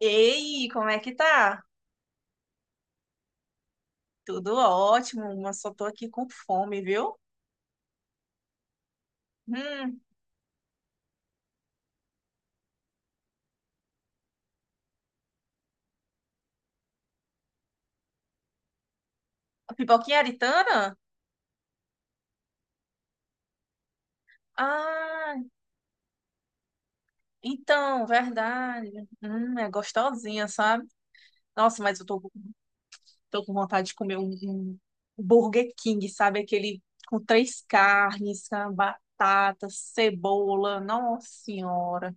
Ei, como é que tá? Tudo ótimo, mas só tô aqui com fome, viu? Hum, a pipoquinha aritana? Ah, então, verdade. É gostosinha, sabe? Nossa, mas tô com vontade de comer um Burger King, sabe? Aquele com três carnes, com batata, cebola. Nossa Senhora.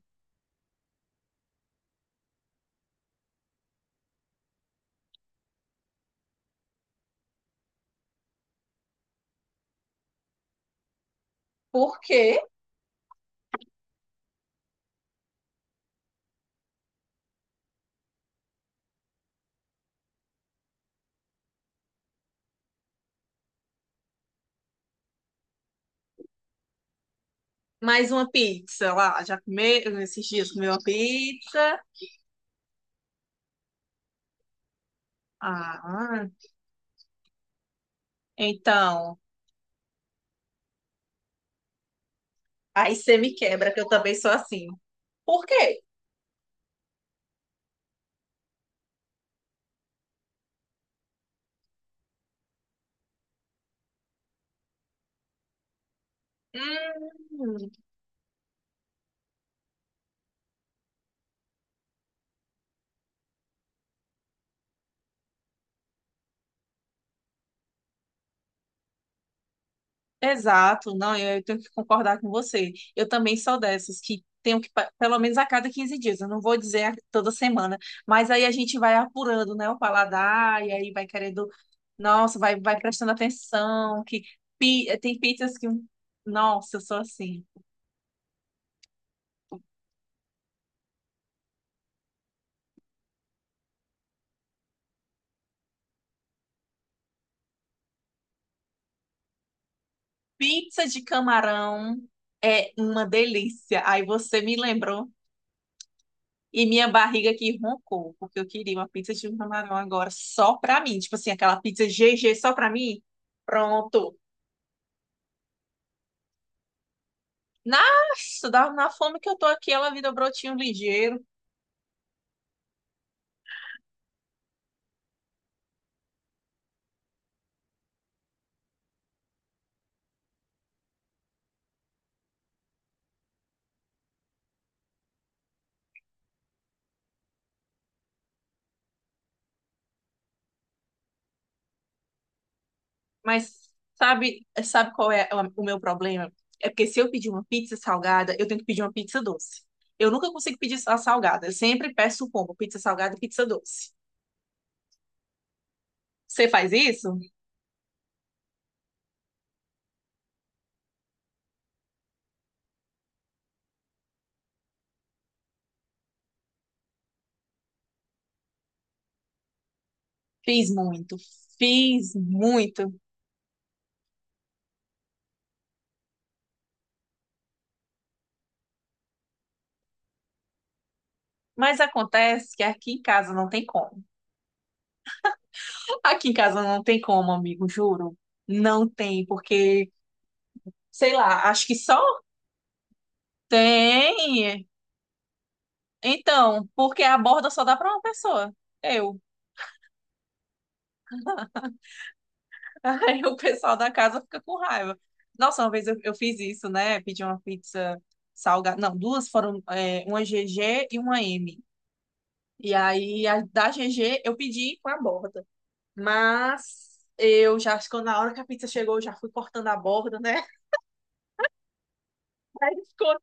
Por quê? Mais uma pizza lá. Já comeu esses dias comeu uma pizza? Ah, então. Aí você me quebra, que eu também sou assim. Por quê? Hum, exato, não, eu tenho que concordar com você. Eu também sou dessas que tenho que, pa- pelo menos a cada 15 dias, eu não vou dizer a- toda semana, mas aí a gente vai apurando, né, o paladar, e aí vai querendo, nossa, vai prestando atenção, que pi- tem pizzas que, nossa, eu sou assim. Pizza de camarão é uma delícia. Aí você me lembrou. E minha barriga aqui roncou, porque eu queria uma pizza de um camarão agora só pra mim. Tipo assim, aquela pizza GG só pra mim. Pronto. Nossa, dá- na fome que eu tô aqui, ela vira brotinho ligeiro. Mas sabe qual é a- o meu problema? É porque se eu pedir uma pizza salgada, eu tenho que pedir uma pizza doce. Eu nunca consigo pedir só a salgada. Eu sempre peço o combo, pizza salgada e pizza doce. Você faz isso? Fiz muito. Fiz muito. Mas acontece que aqui em casa não tem como. Aqui em casa não tem como, amigo, juro. Não tem, porque, sei lá, acho que só tem. Então, porque a borda só dá para uma pessoa. Eu. Aí o pessoal da casa fica com raiva. Nossa, uma vez eu fiz isso, né? Pedi uma pizza salgada. Não, duas foram, é, uma GG e uma M. E aí, a da GG eu pedi com a borda. Mas eu já, acho que na hora que a pizza chegou, eu já fui cortando a borda, né? Aí ficou.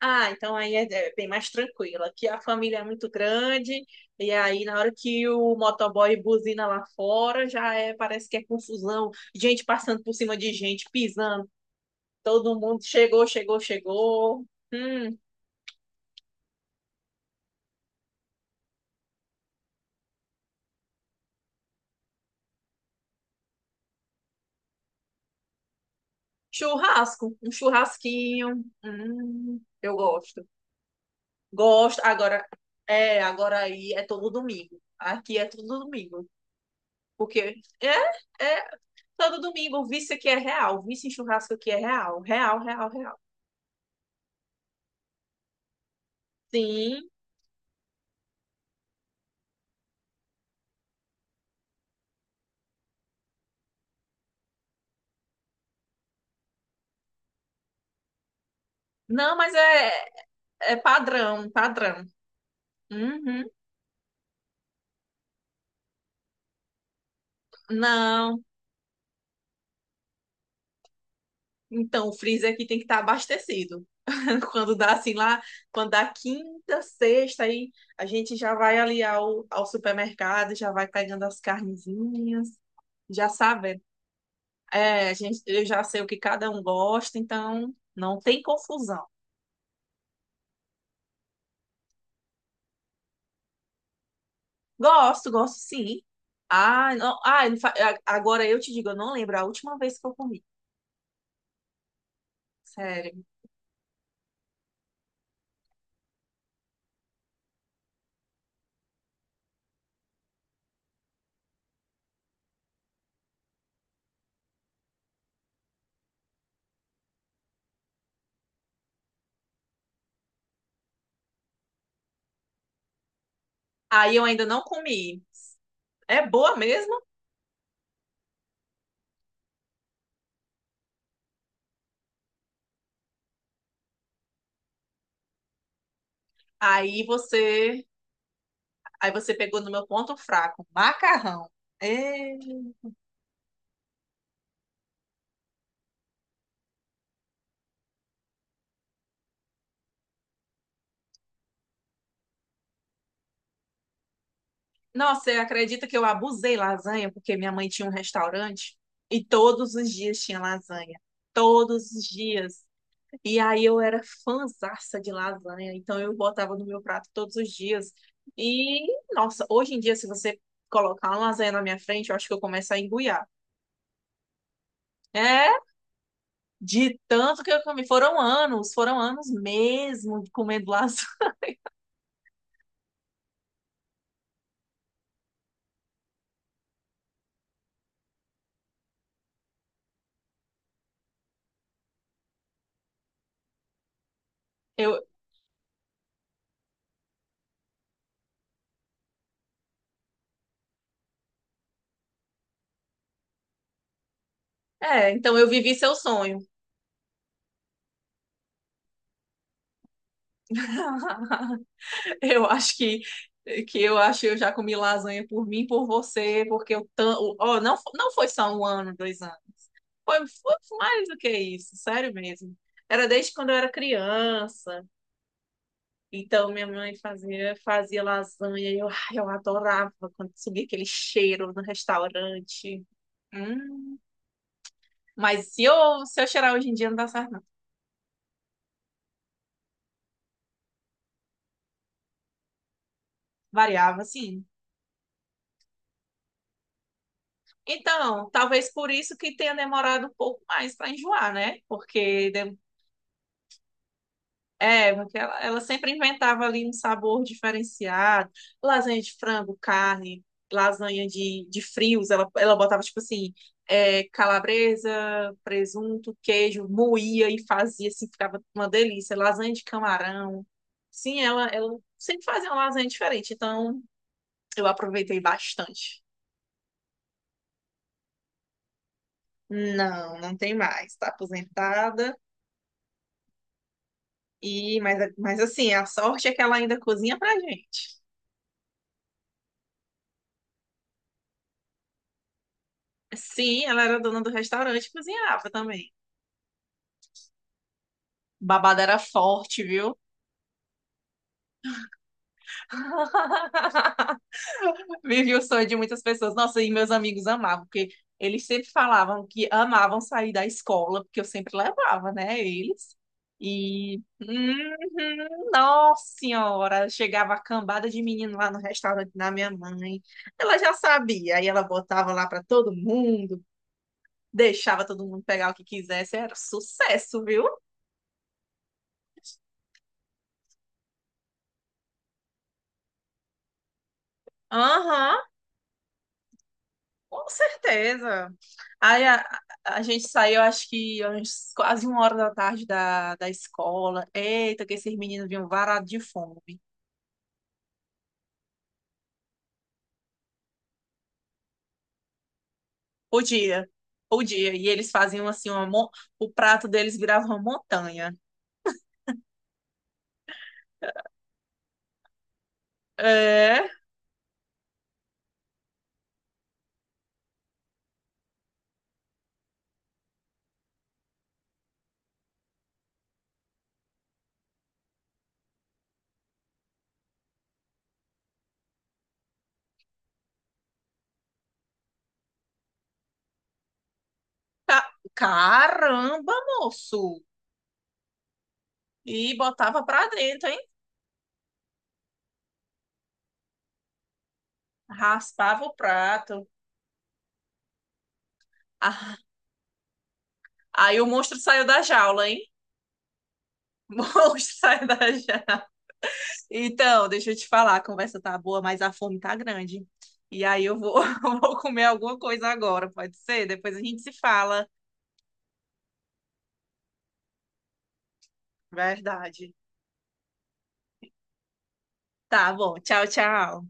Ah, então aí é bem mais tranquilo. Aqui a família é muito grande, e aí na hora que o motoboy buzina lá fora, já é, parece que é confusão, gente passando por cima de gente, pisando, todo mundo chegou, chegou, chegou. Hum, churrasco, um churrasquinho. Eu gosto. Gosto. Agora, é, agora aí é todo domingo. Aqui é todo domingo. Porque é todo domingo, o vício aqui é real, o vício em churrasco aqui é real, real, real, real. Sim. Não, mas é padrão, padrão. Uhum. Não. Então, o freezer aqui tem que estar abastecido. Quando dá assim lá, quando dá quinta, sexta, aí a gente já vai ali ao supermercado, já vai pegando as carnezinhas, já sabe. É, a gente, eu já sei o que cada um gosta, então não tem confusão. Gosto, gosto sim. Ah, não, ah, não fa- a- agora eu te digo, eu não lembro a última vez que eu comi. Sério. Aí eu ainda não comi. É boa mesmo? Aí você, aí você pegou no meu ponto fraco, macarrão. É... Nossa, você acredita que eu abusei lasanha porque minha mãe tinha um restaurante e todos os dias tinha lasanha. Todos os dias. E aí eu era fãzaça de lasanha, então eu botava no meu prato todos os dias. E, nossa, hoje em dia, se você colocar uma lasanha na minha frente, eu acho que eu começo a engoiar. É, de tanto que eu comi. Foram anos mesmo comendo lasanha. Eu, é, então eu vivi seu sonho. Eu acho que eu já comi lasanha por mim, por você, porque eu tan- oh, não fo- não foi só um ano, dois anos. Foi, foi mais do que isso, sério mesmo. Era desde quando eu era criança. Então minha mãe fazia lasanha e eu, ai, eu adorava quando subia aquele cheiro no restaurante. Hum. Mas se eu cheirar hoje em dia não dá certo, não. Variava, sim. Então, talvez por isso que tenha demorado um pouco mais para enjoar, né? Porque de- é, porque ela sempre inventava ali um sabor diferenciado, lasanha de frango, carne, lasanha de frios, ela botava tipo assim, é, calabresa, presunto, queijo, moía e fazia assim, ficava uma delícia, lasanha de camarão. Sim, ela sempre fazia uma lasanha diferente, então eu aproveitei bastante. Não, não tem mais, tá aposentada. E, mas assim, a sorte é que ela ainda cozinha pra gente. Sim, ela era dona do restaurante e cozinhava também. Babada era forte, viu? Vivi o sonho de muitas pessoas. Nossa, e meus amigos amavam, porque eles sempre falavam que amavam sair da escola, porque eu sempre levava, né, eles. E, uhum, nossa senhora, chegava a cambada de menino lá no restaurante da minha mãe. Ela já sabia, aí ela botava lá para todo mundo. Deixava todo mundo pegar o que quisesse, era sucesso, viu? Aham, com certeza. Aí a, a gente saiu, acho que umas- quase uma hora da tarde da, da escola. Eita, que esses meninos vinham varados de fome. Podia, podia. E eles faziam assim, uma, mon- o prato deles virava uma montanha. É, caramba, moço! E botava pra dentro, hein? Raspava o prato. Ah, aí o monstro saiu da jaula, hein? Bom, sai da janela. Então, deixa eu te falar, a conversa tá boa, mas a fome tá grande. E aí eu vou, eu vou comer alguma coisa agora, pode ser? Depois a gente se fala. Verdade. Tá bom, tchau, tchau.